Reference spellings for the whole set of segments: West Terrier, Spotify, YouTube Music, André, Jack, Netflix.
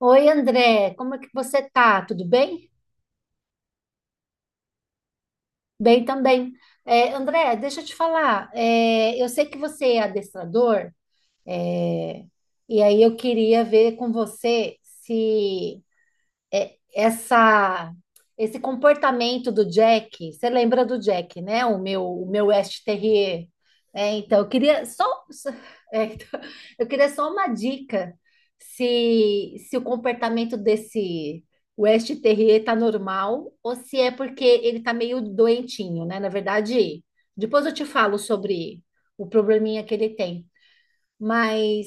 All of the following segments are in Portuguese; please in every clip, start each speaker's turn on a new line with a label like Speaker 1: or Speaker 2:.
Speaker 1: Oi, André, como é que você tá? Tudo bem? Bem também. É, André, deixa eu te falar. Eu sei que você é adestrador, é, e aí eu queria ver com você se essa esse comportamento do Jack, você lembra do Jack, né? O meu West Terrier. Né? Então, eu queria só- então, eu queria só uma dica se o comportamento desse West Terrier tá normal ou se é porque ele tá meio doentinho, né? Na verdade, depois eu te falo sobre o probleminha que ele tem. Mas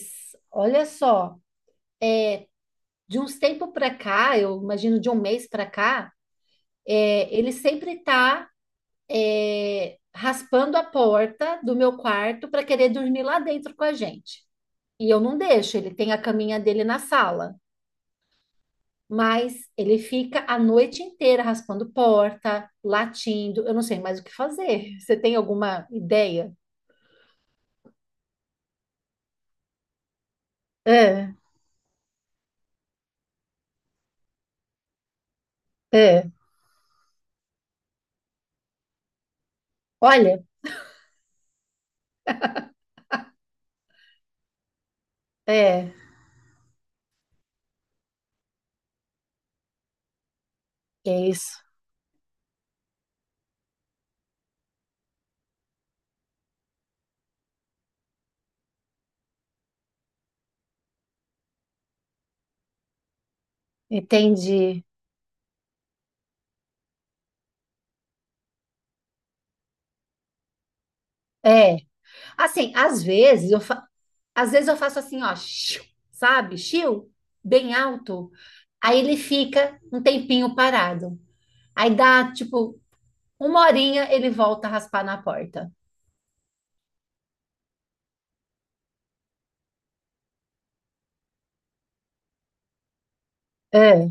Speaker 1: olha só, de uns tempos para cá, eu imagino de um mês para cá, ele sempre tá raspando a porta do meu quarto para querer dormir lá dentro com a gente. E eu não deixo, ele tem a caminha dele na sala. Mas ele fica a noite inteira raspando porta, latindo. Eu não sei mais o que fazer. Você tem alguma ideia? É, é. Olha, é, é isso. Entendi. É, assim, às vezes eu faço assim, ó, shiu, sabe? Chiu, bem alto. Aí ele fica um tempinho parado. Aí dá, tipo, uma horinha, ele volta a raspar na porta. É,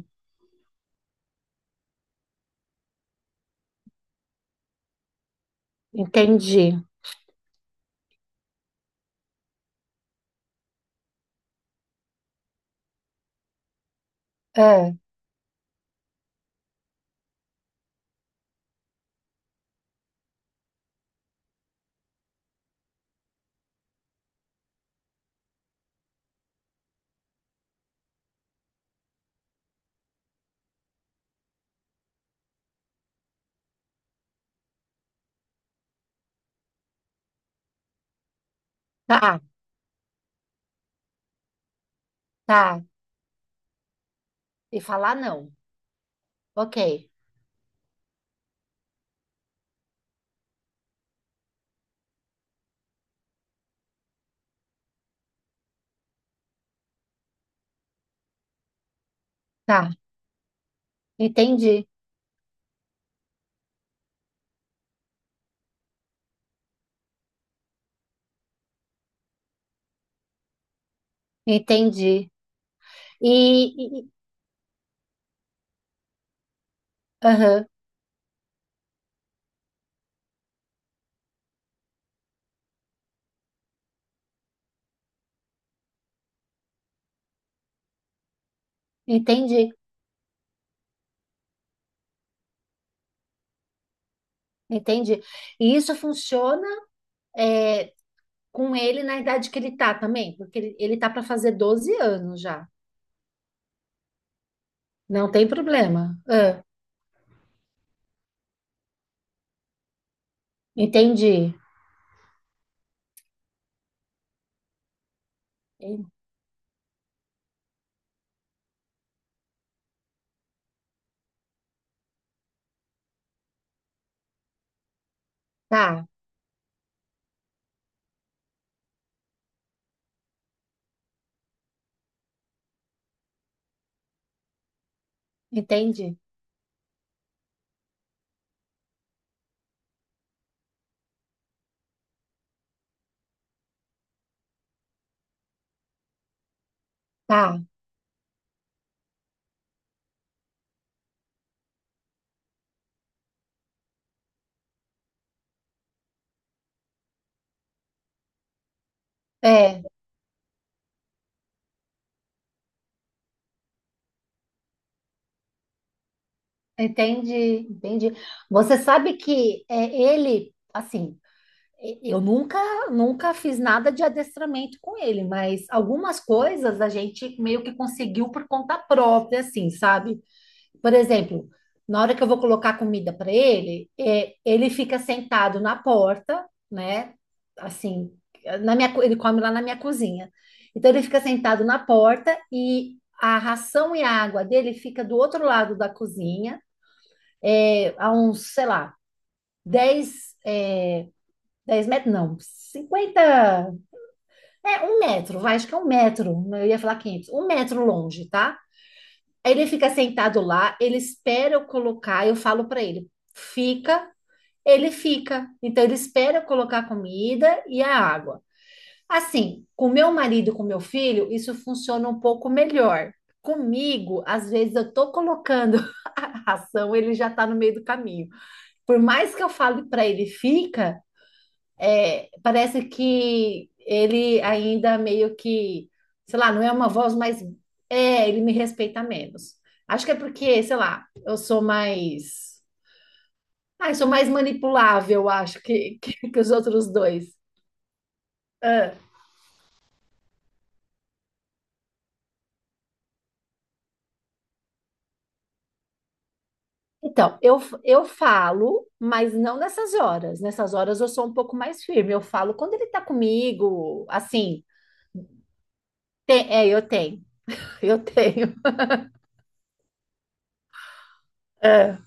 Speaker 1: entendi. É, tá, tá. E falar não. Ok, tá. Entendi, entendi. E, e- aham, entendi, entendi. E isso funciona é, com ele na idade que ele tá também, porque ele tá para fazer 12 anos já. Não tem problema. Ah, entendi. Tá, entendi. Tá, é, entendi, entendi. Você sabe que ele, assim, eu nunca, fiz nada de adestramento com ele, mas algumas coisas a gente meio que conseguiu por conta própria, assim, sabe? Por exemplo, na hora que eu vou colocar comida para ele, ele fica sentado na porta, né? Assim, ele come lá na minha cozinha. Então ele fica sentado na porta e a ração e a água dele fica do outro lado da cozinha, a uns, sei lá, 10, 10 metros, não, 50? É um metro, vai, acho que é um metro, eu ia falar 500, um metro longe, tá? Aí ele fica sentado lá, ele espera eu colocar, eu falo para ele, fica, ele fica. Então ele espera eu colocar a comida e a água. Assim, com meu marido, com meu filho, isso funciona um pouco melhor. Comigo, às vezes eu tô colocando a ração, ele já tá no meio do caminho. Por mais que eu fale para ele fica, parece que ele ainda meio que, sei lá, não é uma voz mais. É, ele me respeita menos. Acho que é porque, sei lá, eu sou mais. Ah, eu sou mais manipulável, acho, que os outros dois. Ah, então, eu falo, mas não nessas horas. Nessas horas eu sou um pouco mais firme. Eu falo quando ele tá comigo, assim. Tem, é, eu tenho. Eu tenho. Ah,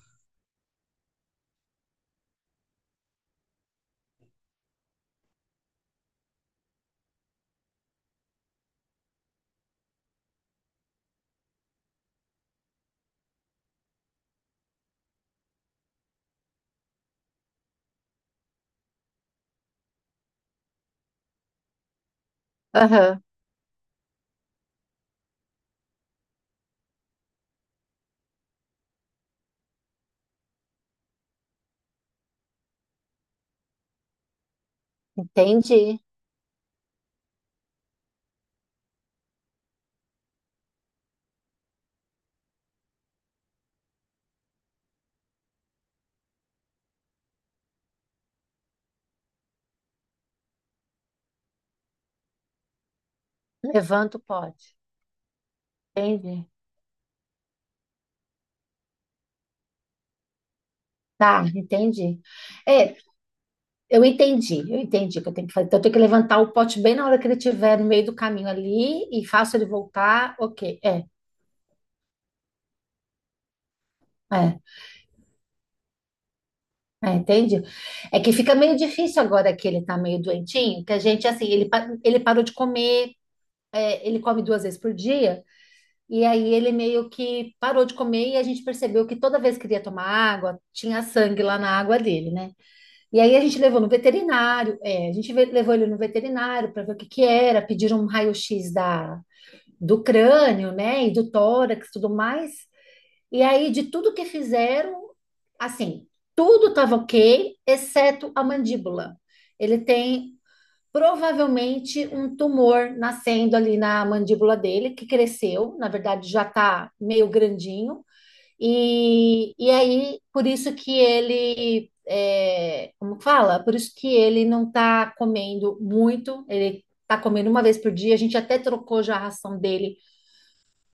Speaker 1: aham, entendi. Levanto, pode. Entendi. Tá, entendi. É, eu entendi o que eu tenho que fazer. Então, eu tenho que levantar o pote bem na hora que ele estiver no meio do caminho ali e faço ele voltar. Ok, é, entendi. É que fica meio difícil agora que ele tá meio doentinho, que a gente, assim, ele parou de comer, ele come duas vezes por dia, e aí ele meio que parou de comer e a gente percebeu que toda vez que ele ia tomar água, tinha sangue lá na água dele, né? E aí a gente levou no veterinário, a gente levou ele no veterinário para ver o que que era, pediram um raio-x do crânio, né, e do tórax, tudo mais. E aí de tudo que fizeram, assim, tudo estava ok, exceto a mandíbula. Ele tem provavelmente um tumor nascendo ali na mandíbula dele, que cresceu, na verdade já está meio grandinho. E aí, por isso que ele, como fala? Por isso que ele não está comendo muito, ele está comendo uma vez por dia. A gente até trocou já a ração dele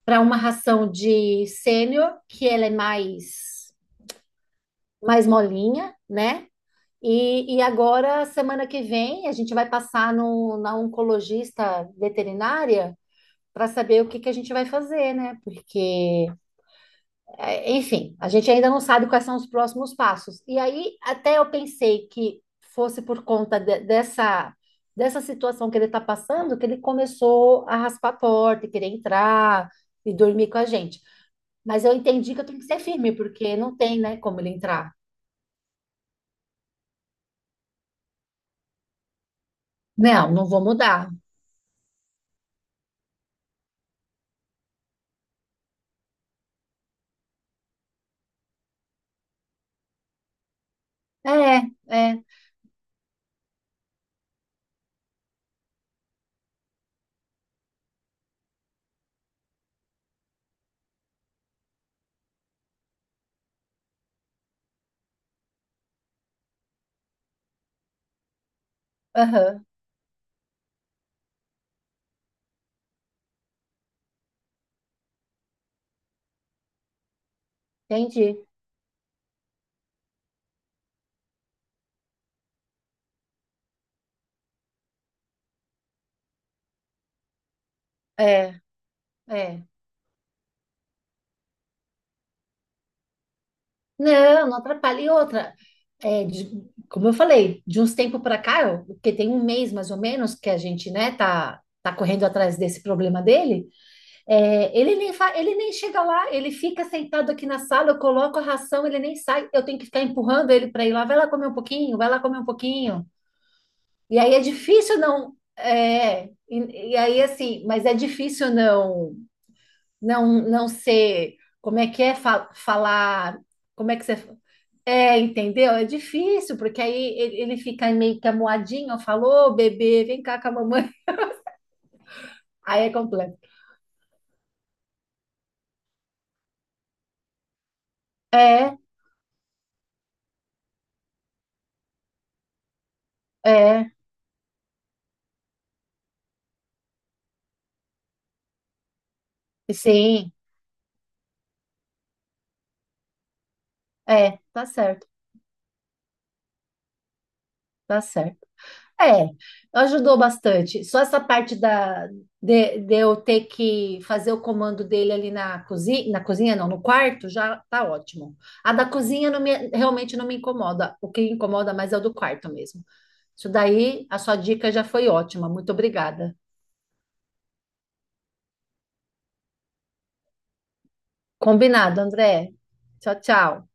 Speaker 1: para uma ração de sênior, que ela é mais molinha, né? E agora, semana que vem, a gente vai passar no, na oncologista veterinária para saber o que que a gente vai fazer, né? Porque é, enfim, a gente ainda não sabe quais são os próximos passos. E aí, até eu pensei que fosse dessa, situação que ele está passando, que ele começou a raspar a porta, e querer entrar e dormir com a gente. Mas eu entendi que eu tenho que ser firme, porque não tem, né, como ele entrar. Não, não vou mudar. É, é, aham, entendi. É, é. Não, não atrapalha. E outra, como eu falei, de uns tempos para cá, porque tem um mês mais ou menos que a gente, né, tá, tá correndo atrás desse problema dele, ele nem fa- ele nem chega lá, ele fica sentado aqui na sala, eu coloco a ração, ele nem sai, eu tenho que ficar empurrando ele para ir lá, vai lá comer um pouquinho, vai lá comer um pouquinho. E aí é difícil não, e aí assim, mas é difícil não ser, como é que é falar, como é que você é, entendeu? É difícil, porque aí ele fica meio que amuadinho, falou, bebê, vem cá com a mamãe. Aí é completo. É, é, sim, tá certo, tá certo. É, ajudou bastante. Só essa parte de, eu ter que fazer o comando dele ali na cozinha não, no quarto, já tá ótimo. A da cozinha realmente não me incomoda. O que incomoda mais é o do quarto mesmo. Isso daí, a sua dica já foi ótima. Muito obrigada. Combinado, André. Tchau, tchau.